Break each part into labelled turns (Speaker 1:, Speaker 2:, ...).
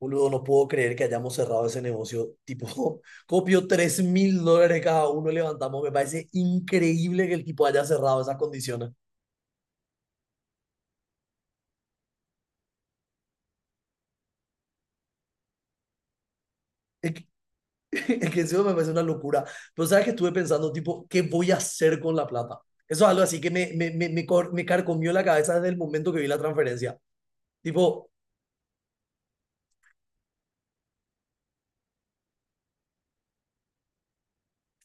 Speaker 1: Boludo, no puedo creer que hayamos cerrado ese negocio. Tipo, copió 3000 dólares cada uno, levantamos. Me parece increíble que el tipo haya cerrado esas condiciones. Es que, es que encima me parece una locura. Pero sabes que estuve pensando, tipo, ¿qué voy a hacer con la plata? Eso es algo así que me carcomió la cabeza desde el momento que vi la transferencia. Tipo.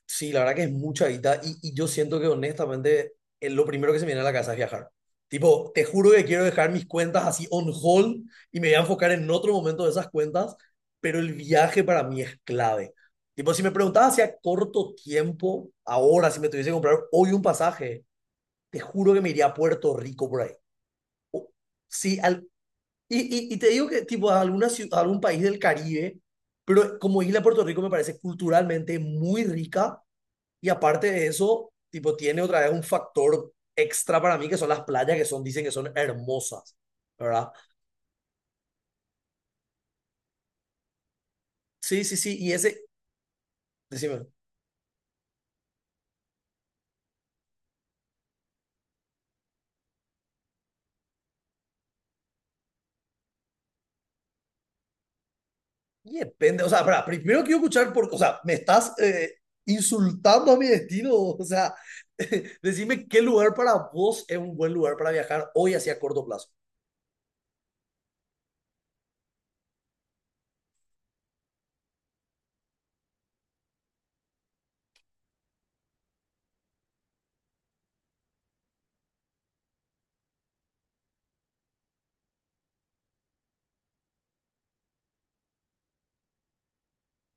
Speaker 1: Sí, la verdad que es mucha guita y yo siento que honestamente lo primero que se me viene a la cabeza es viajar. Tipo, te juro que quiero dejar mis cuentas así on hold y me voy a enfocar en otro momento de esas cuentas, pero el viaje para mí es clave. Tipo, si me preguntabas si a corto tiempo, ahora, si me tuviese que comprar hoy un pasaje, te juro que me iría a Puerto Rico por ahí. O- sí. Y, y te digo que tipo a algún país del Caribe, pero como isla Puerto Rico me parece culturalmente muy rica y aparte de eso, tipo, tiene otra vez un factor extra para mí, que son las playas, dicen que son hermosas, ¿verdad? Sí, sí, sí. Decime. Y depende, o sea, primero quiero escuchar, o sea, me estás insultando a mi destino, o sea, decime qué lugar para vos es un buen lugar para viajar hoy hacia corto plazo.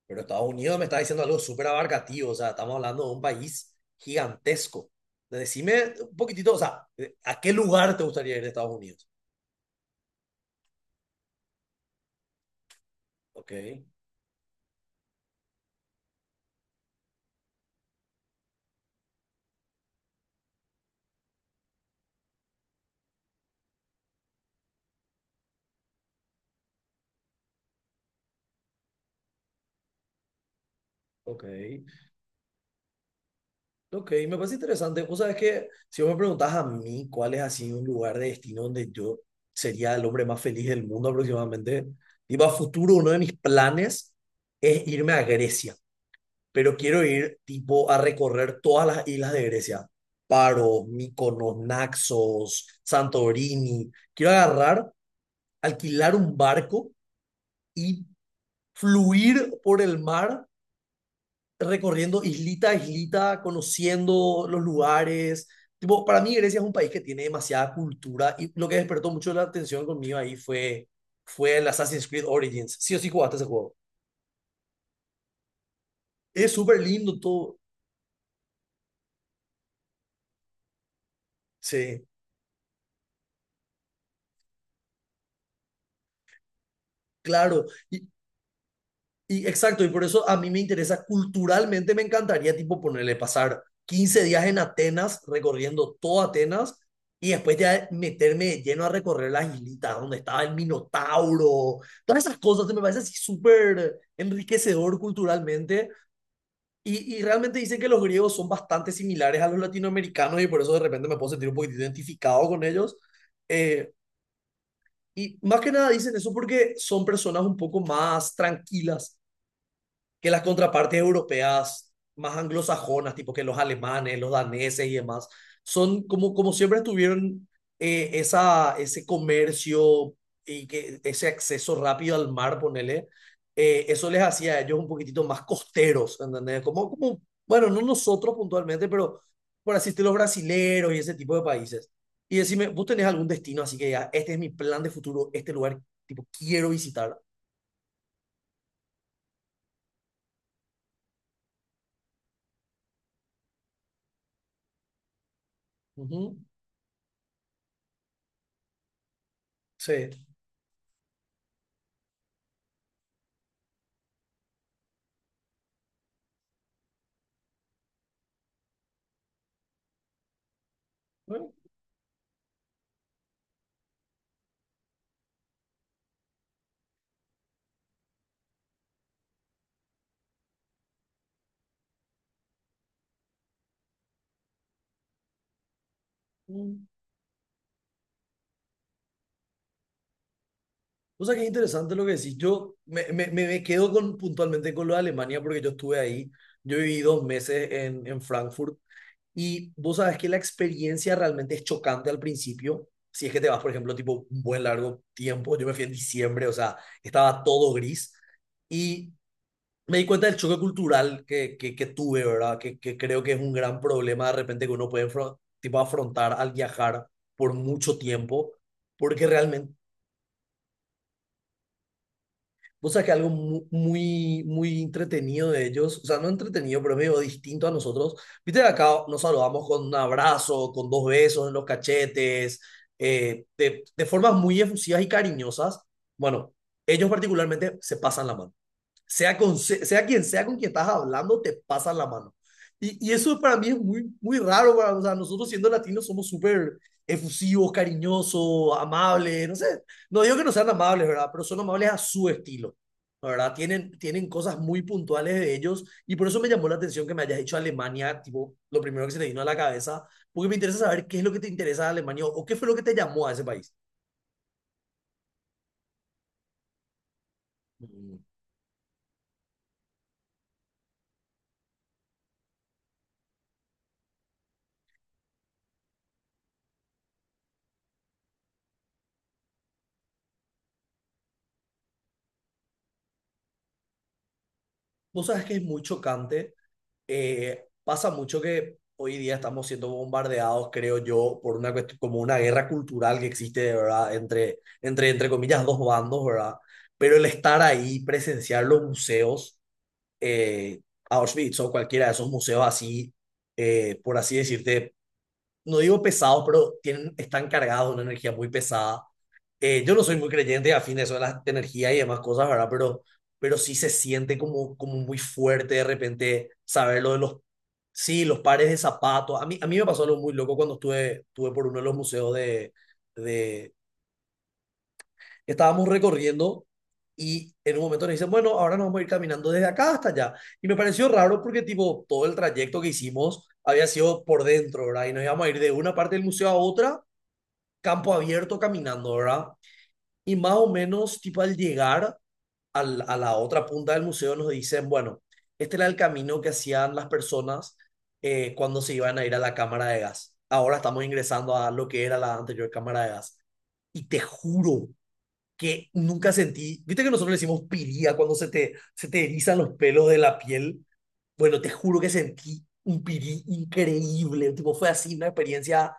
Speaker 1: Pero Estados Unidos me está diciendo algo súper abarcativo, o sea, estamos hablando de un país gigantesco. Decime un poquitito, o sea, ¿a qué lugar te gustaría ir de Estados Unidos? Ok. Ok, ok, me parece interesante. Vos sabés que si vos me preguntás a mí cuál es así un lugar de destino donde yo sería el hombre más feliz del mundo aproximadamente, tipo a futuro uno de mis planes es irme a Grecia, pero quiero ir tipo a recorrer todas las islas de Grecia, Paros, Mykonos, Naxos, Santorini. Quiero alquilar un barco y fluir por el mar recorriendo islita a islita, conociendo los lugares. Tipo, para mí Grecia es un país que tiene demasiada cultura y lo que despertó mucho la atención conmigo ahí fue el Assassin's Creed Origins. Sí o sí jugaste ese juego. Es súper lindo todo. Sí, claro. Exacto, y por eso a mí me interesa, culturalmente me encantaría, tipo, ponerle pasar 15 días en Atenas, recorriendo toda Atenas, y después ya meterme de lleno a recorrer las islitas, donde estaba el Minotauro, todas esas cosas, me parece así súper enriquecedor culturalmente, y realmente dicen que los griegos son bastante similares a los latinoamericanos, y por eso de repente me puedo sentir un poquito identificado con ellos. Eh, y más que nada dicen eso porque son personas un poco más tranquilas que las contrapartes europeas más anglosajonas, tipo que los alemanes, los daneses y demás, son como siempre tuvieron ese comercio ese acceso rápido al mar, ponele, eso les hacía a ellos un poquitito más costeros, ¿entendés? Bueno, no nosotros puntualmente, pero por así decirlo, los brasileros y ese tipo de países. Y decime, ¿vos tenés algún destino así que ya, este es mi plan de futuro, este lugar, tipo, quiero visitar? Ujú. Sí. Bueno, mm. O sea, qué interesante lo que decís. Yo me quedo puntualmente con lo de Alemania porque yo estuve ahí. Yo viví 2 meses en Frankfurt y vos sabes que la experiencia realmente es chocante al principio. Si es que te vas, por ejemplo, tipo un buen largo tiempo. Yo me fui en diciembre, o sea, estaba todo gris y me di cuenta del choque cultural que tuve, ¿verdad? Que creo que es un gran problema de repente que uno puede tipo, afrontar al viajar por mucho tiempo porque realmente. Vos sabés que algo muy, muy entretenido de ellos, o sea, no entretenido, pero medio distinto a nosotros. Viste que acá nos saludamos con un abrazo, con dos besos en los cachetes, de formas muy efusivas y cariñosas. Bueno, ellos particularmente se pasan la mano sea, con, sea quien sea con quien estás hablando, te pasan la mano. Y eso para mí es muy, muy raro. O sea, nosotros siendo latinos somos súper efusivos, cariñosos, amables, no sé. No digo que no sean amables, ¿verdad? Pero son amables a su estilo, ¿no?, ¿verdad? Tienen cosas muy puntuales de ellos y por eso me llamó la atención que me hayas dicho Alemania, tipo, lo primero que se te vino a la cabeza, porque me interesa saber qué es lo que te interesa de Alemania o qué fue lo que te llamó a ese país. Vos sabes que es muy chocante pasa mucho que hoy día estamos siendo bombardeados, creo yo, por una cuestión, como una guerra cultural que existe, ¿verdad? Entre comillas, dos bandos, ¿verdad? Pero el estar ahí, presenciar los museos, eh, Auschwitz o cualquiera de esos museos así, por así decirte, no digo pesados, pero tienen, están cargados de una energía muy pesada yo no soy muy creyente afín a eso de las energías y demás cosas, ¿verdad? Pero sí se siente como muy fuerte de repente saber lo de los, sí, los pares de zapatos. A mí me pasó algo muy loco cuando estuve por uno de los museos de, de. Estábamos recorriendo y en un momento nos dicen, bueno, ahora nos vamos a ir caminando desde acá hasta allá. Y me pareció raro porque tipo todo el trayecto que hicimos había sido por dentro, ¿verdad? Y nos íbamos a ir de una parte del museo a otra, campo abierto, caminando, ¿verdad? Y más o menos, tipo al llegar a la otra punta del museo, nos dicen, bueno, este era el camino que hacían las personas cuando se iban a ir a la cámara de gas. Ahora estamos ingresando a lo que era la anterior cámara de gas. Y te juro que nunca sentí, viste que nosotros le decimos piría cuando se te erizan los pelos de la piel. Bueno, te juro que sentí un pirí increíble. Tipo, fue así una experiencia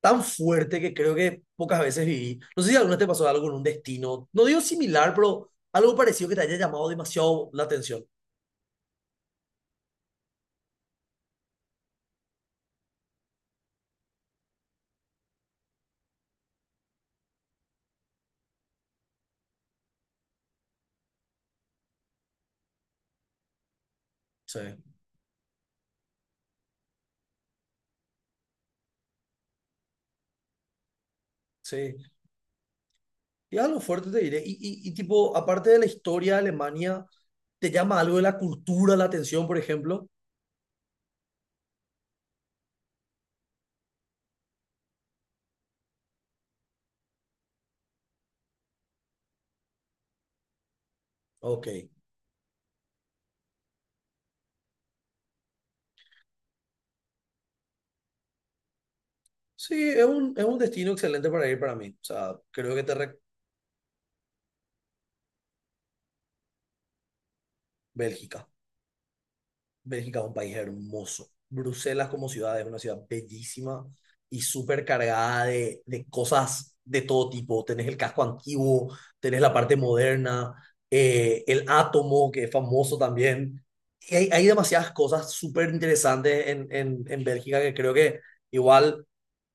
Speaker 1: tan fuerte que creo que pocas veces viví. No sé si alguna vez te pasó algo con un destino. No digo similar, pero algo parecido que te haya llamado demasiado la atención. Sí, sí. Y algo fuerte te diré. Y tipo, aparte de la historia de Alemania, ¿te llama algo de la cultura la atención, por ejemplo? Ok. Sí, es un destino excelente para ir para mí. O sea, creo que te re-. Bélgica. Bélgica es un país hermoso. Bruselas como ciudad es una ciudad bellísima y súper cargada de cosas de todo tipo. Tenés el casco antiguo, tenés la parte moderna, el átomo, que es famoso también. Y hay demasiadas cosas súper interesantes en Bélgica que creo que igual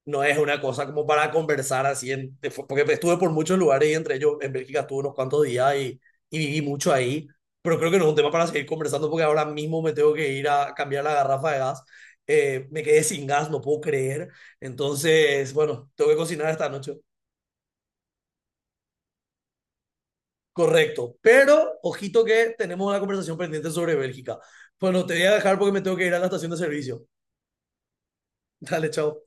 Speaker 1: no es una cosa como para conversar así, porque estuve por muchos lugares y entre ellos en Bélgica estuve unos cuantos días y viví mucho ahí, pero creo que no es un tema para seguir conversando porque ahora mismo me tengo que ir a cambiar la garrafa de gas. Me quedé sin gas, no puedo creer. Entonces, bueno, tengo que cocinar esta noche. Correcto. Pero, ojito que tenemos una conversación pendiente sobre Bélgica. Bueno, te voy a dejar porque me tengo que ir a la estación de servicio. Dale, chao.